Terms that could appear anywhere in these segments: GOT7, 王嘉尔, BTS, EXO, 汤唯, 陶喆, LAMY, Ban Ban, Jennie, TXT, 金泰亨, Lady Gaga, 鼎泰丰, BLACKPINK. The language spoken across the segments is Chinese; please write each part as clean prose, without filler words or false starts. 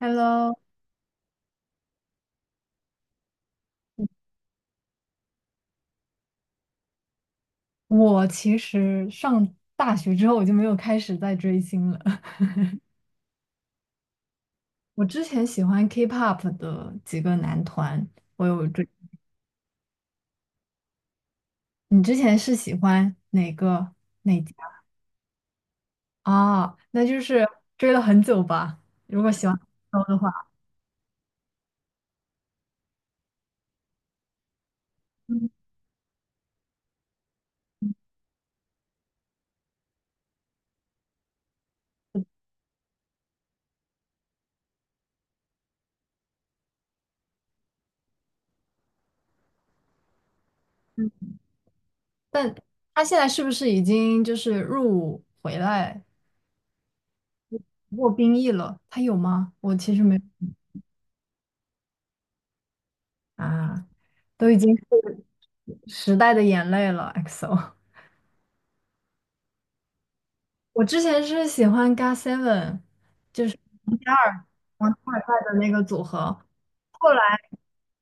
Hello，我其实上大学之后我就没有开始再追星了。我之前喜欢 K-pop 的几个男团，我有追。你之前是喜欢哪个哪家啊？那就是追了很久吧。如果喜欢高的话，嗯嗯，但他现在是不是已经就是入伍回来过兵役了？他有吗？我其实没啊，都已经是时代的眼泪了，EXO。我之前是喜欢 GOT7，就是王太太的那个组合，后来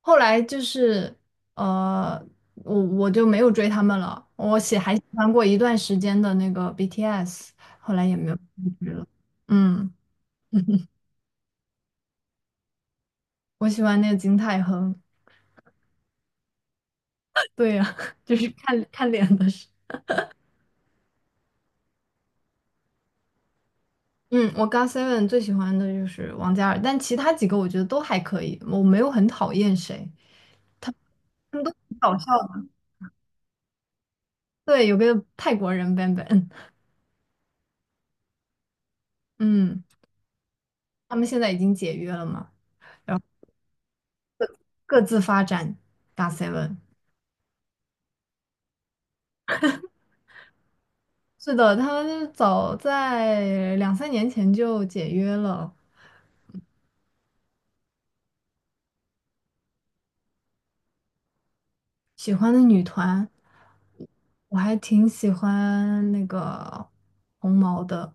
后来就是呃，我就没有追他们了。我喜还喜欢过一段时间的那个 BTS，后来也没有追了。嗯，我喜欢那个金泰亨。对呀、就是看看脸的事。嗯，我 GOT7 最喜欢的就是王嘉尔，但其他几个我觉得都还可以，我没有很讨厌谁，他们都挺搞笑的。对，有个泰国人 Ban Ban，嗯。他们现在已经解约了嘛，然后各自发展 g o t n 是的，他们早在两三年前就解约了。喜欢的女团，我还挺喜欢那个红毛的。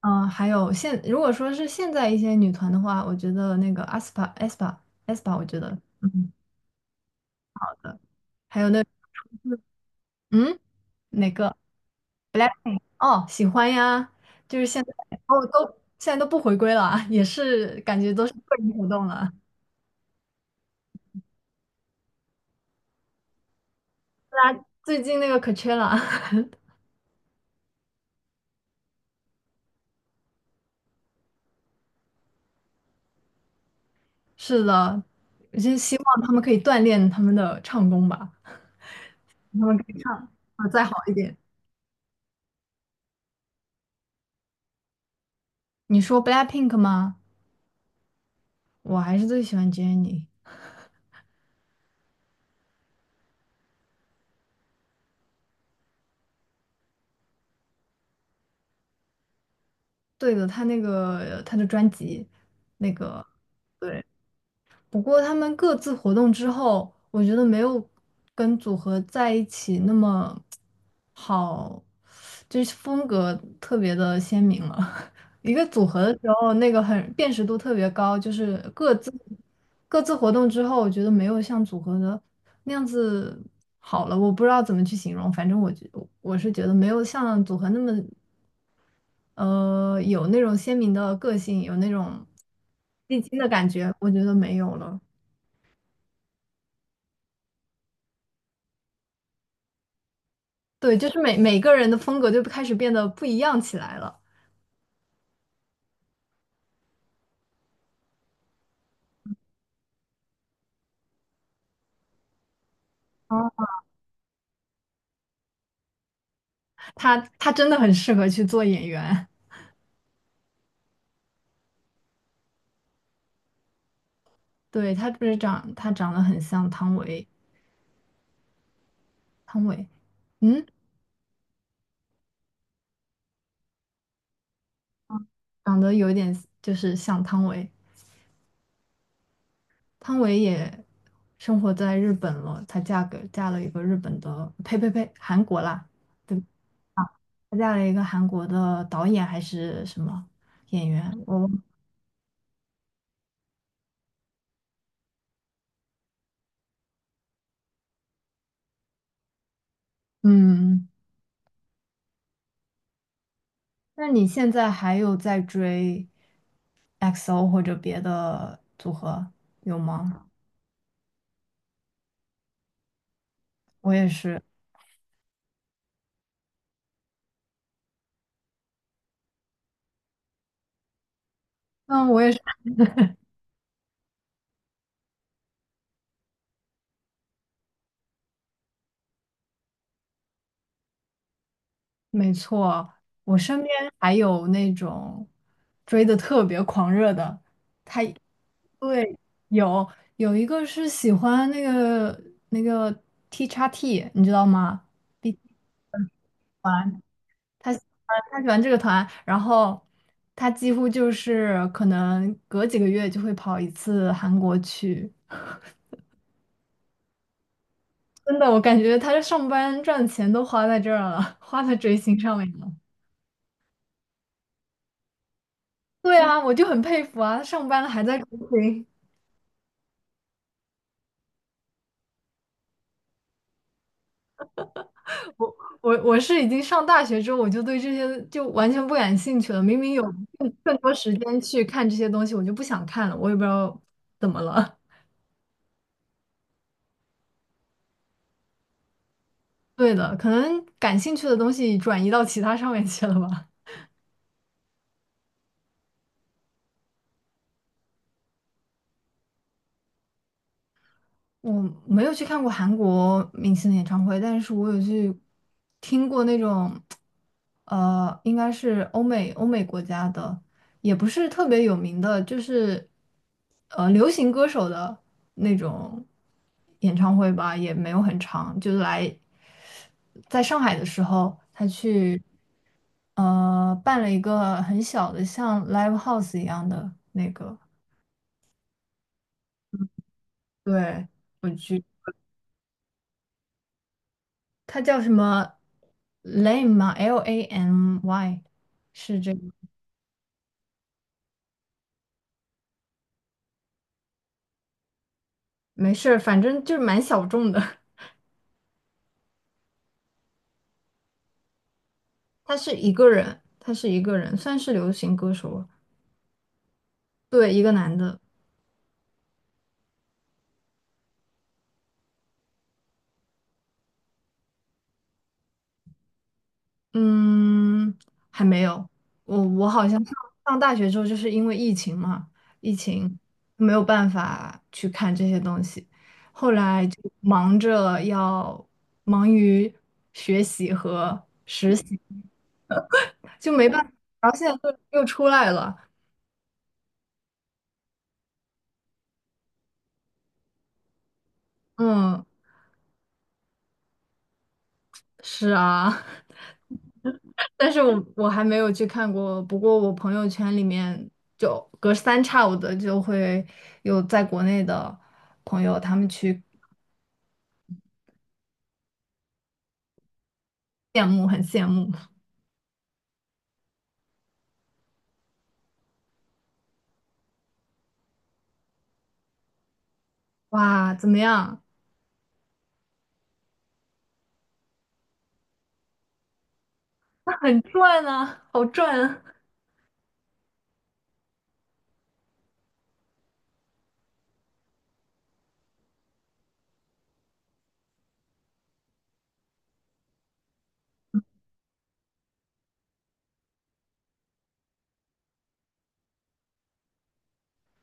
嗯、还有现如果说是现在一些女团的话，我觉得那个 a s p a 我觉得嗯，还有那嗯哪个？哦，喜欢呀，就是现在哦，都现在都不回归了啊也是感觉都是个人活动了。大家最近那个可缺了，是的，我就希望他们可以锻炼他们的唱功吧，他们可以唱啊再好一点。你说 BLACKPINK 吗？我还是最喜欢 Jennie。对的，她那个她的专辑，那个对。不过他们各自活动之后，我觉得没有跟组合在一起那么好，就是风格特别的鲜明了。一个组合的时候，那个很辨识度特别高，就是各自活动之后，我觉得没有像组合的那样子好了。我不知道怎么去形容，反正我是觉得没有像组合那么有那种鲜明的个性，有那种立精的感觉，我觉得没有了。对，就是每个人的风格就开始变得不一样起来了。啊，他真的很适合去做演员。对，他不是长，他长得很像汤唯，汤唯，嗯，长得有点就是像汤唯。汤唯也生活在日本了，她嫁给嫁了一个日本的，呸呸呸，韩国啦，对，她嫁了一个韩国的导演还是什么演员？我忘，嗯，那你现在还有在追？XO 或者别的组合有吗？我也是，嗯，我也是，没错。我身边还有那种追的特别狂热的，他对有有一个是喜欢那个那个 T x T，你知道吗？B T 团，他喜他喜欢这个团，然后他几乎就是可能隔几个月就会跑一次韩国去。真的，我感觉他这上班赚钱都花在这儿了，花在追星上面了。对啊，我就很佩服啊，他上班了还在追星。我我是已经上大学之后，我就对这些就完全不感兴趣了。明明有更多时间去看这些东西，我就不想看了。我也不知道怎么了。对的，可能感兴趣的东西转移到其他上面去了吧。我没有去看过韩国明星的演唱会，但是我有去听过那种，应该是欧美国家的，也不是特别有名的，就是流行歌手的那种演唱会吧，也没有很长，就来在上海的时候，他去办了一个很小的像 live house 一样的那个，对。我去。他叫什么 Lame 吗？L A M Y 是这个，没事儿，反正就是蛮小众的。他是一个人，他是一个人，算是流行歌手了对，一个男的，嗯，还没有。我好像上大学之后，就是因为疫情嘛，疫情没有办法去看这些东西，后来就忙着要忙于学习和实习，就没办法。然后现在又出来了。嗯，是啊，但是我还没有去看过。不过我朋友圈里面就隔三差五的就会有在国内的朋友，他们去羡慕，很羡慕。哇，怎么样？那很赚啊，好赚啊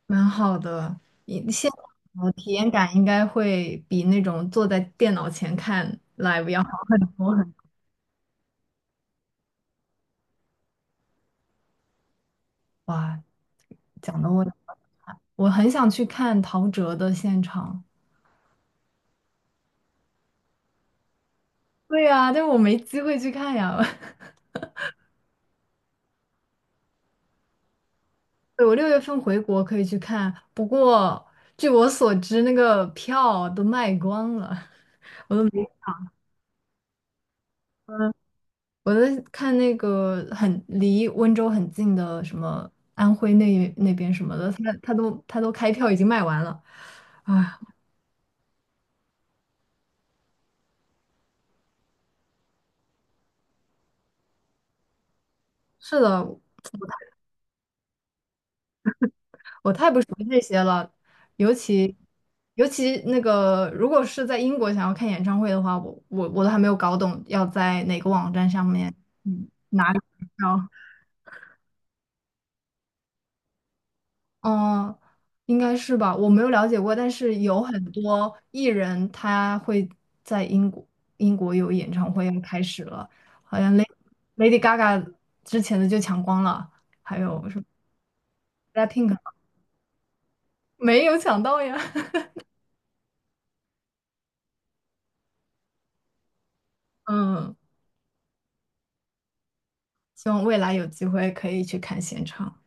蛮好的。你现场的体验感应该会比那种坐在电脑前看 live 要好很多很多。哇，讲的我我很想去看陶喆的现场。对呀，但是我没机会去看呀。对我六月份回国可以去看，不过据我所知，那个票都卖光了。嗯，我在看那个很离温州很近的什么安徽那边什么的，他都开票已经卖完了。啊，是的，我太不熟悉这些了，尤其尤其那个，如果是在英国想要看演唱会的话，我都还没有搞懂要在哪个网站上面，嗯，拿里买票。嗯，应该是吧，我没有了解过，但是有很多艺人他会在英国有演唱会要开始了，好像 Lady Gaga 之前的就抢光了，还有什么 BLACKPINK 啊没有抢到呀。嗯，希望未来有机会可以去看现场。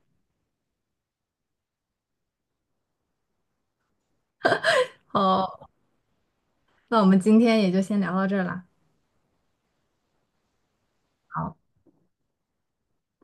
好，那我们今天也就先聊到这儿啦。好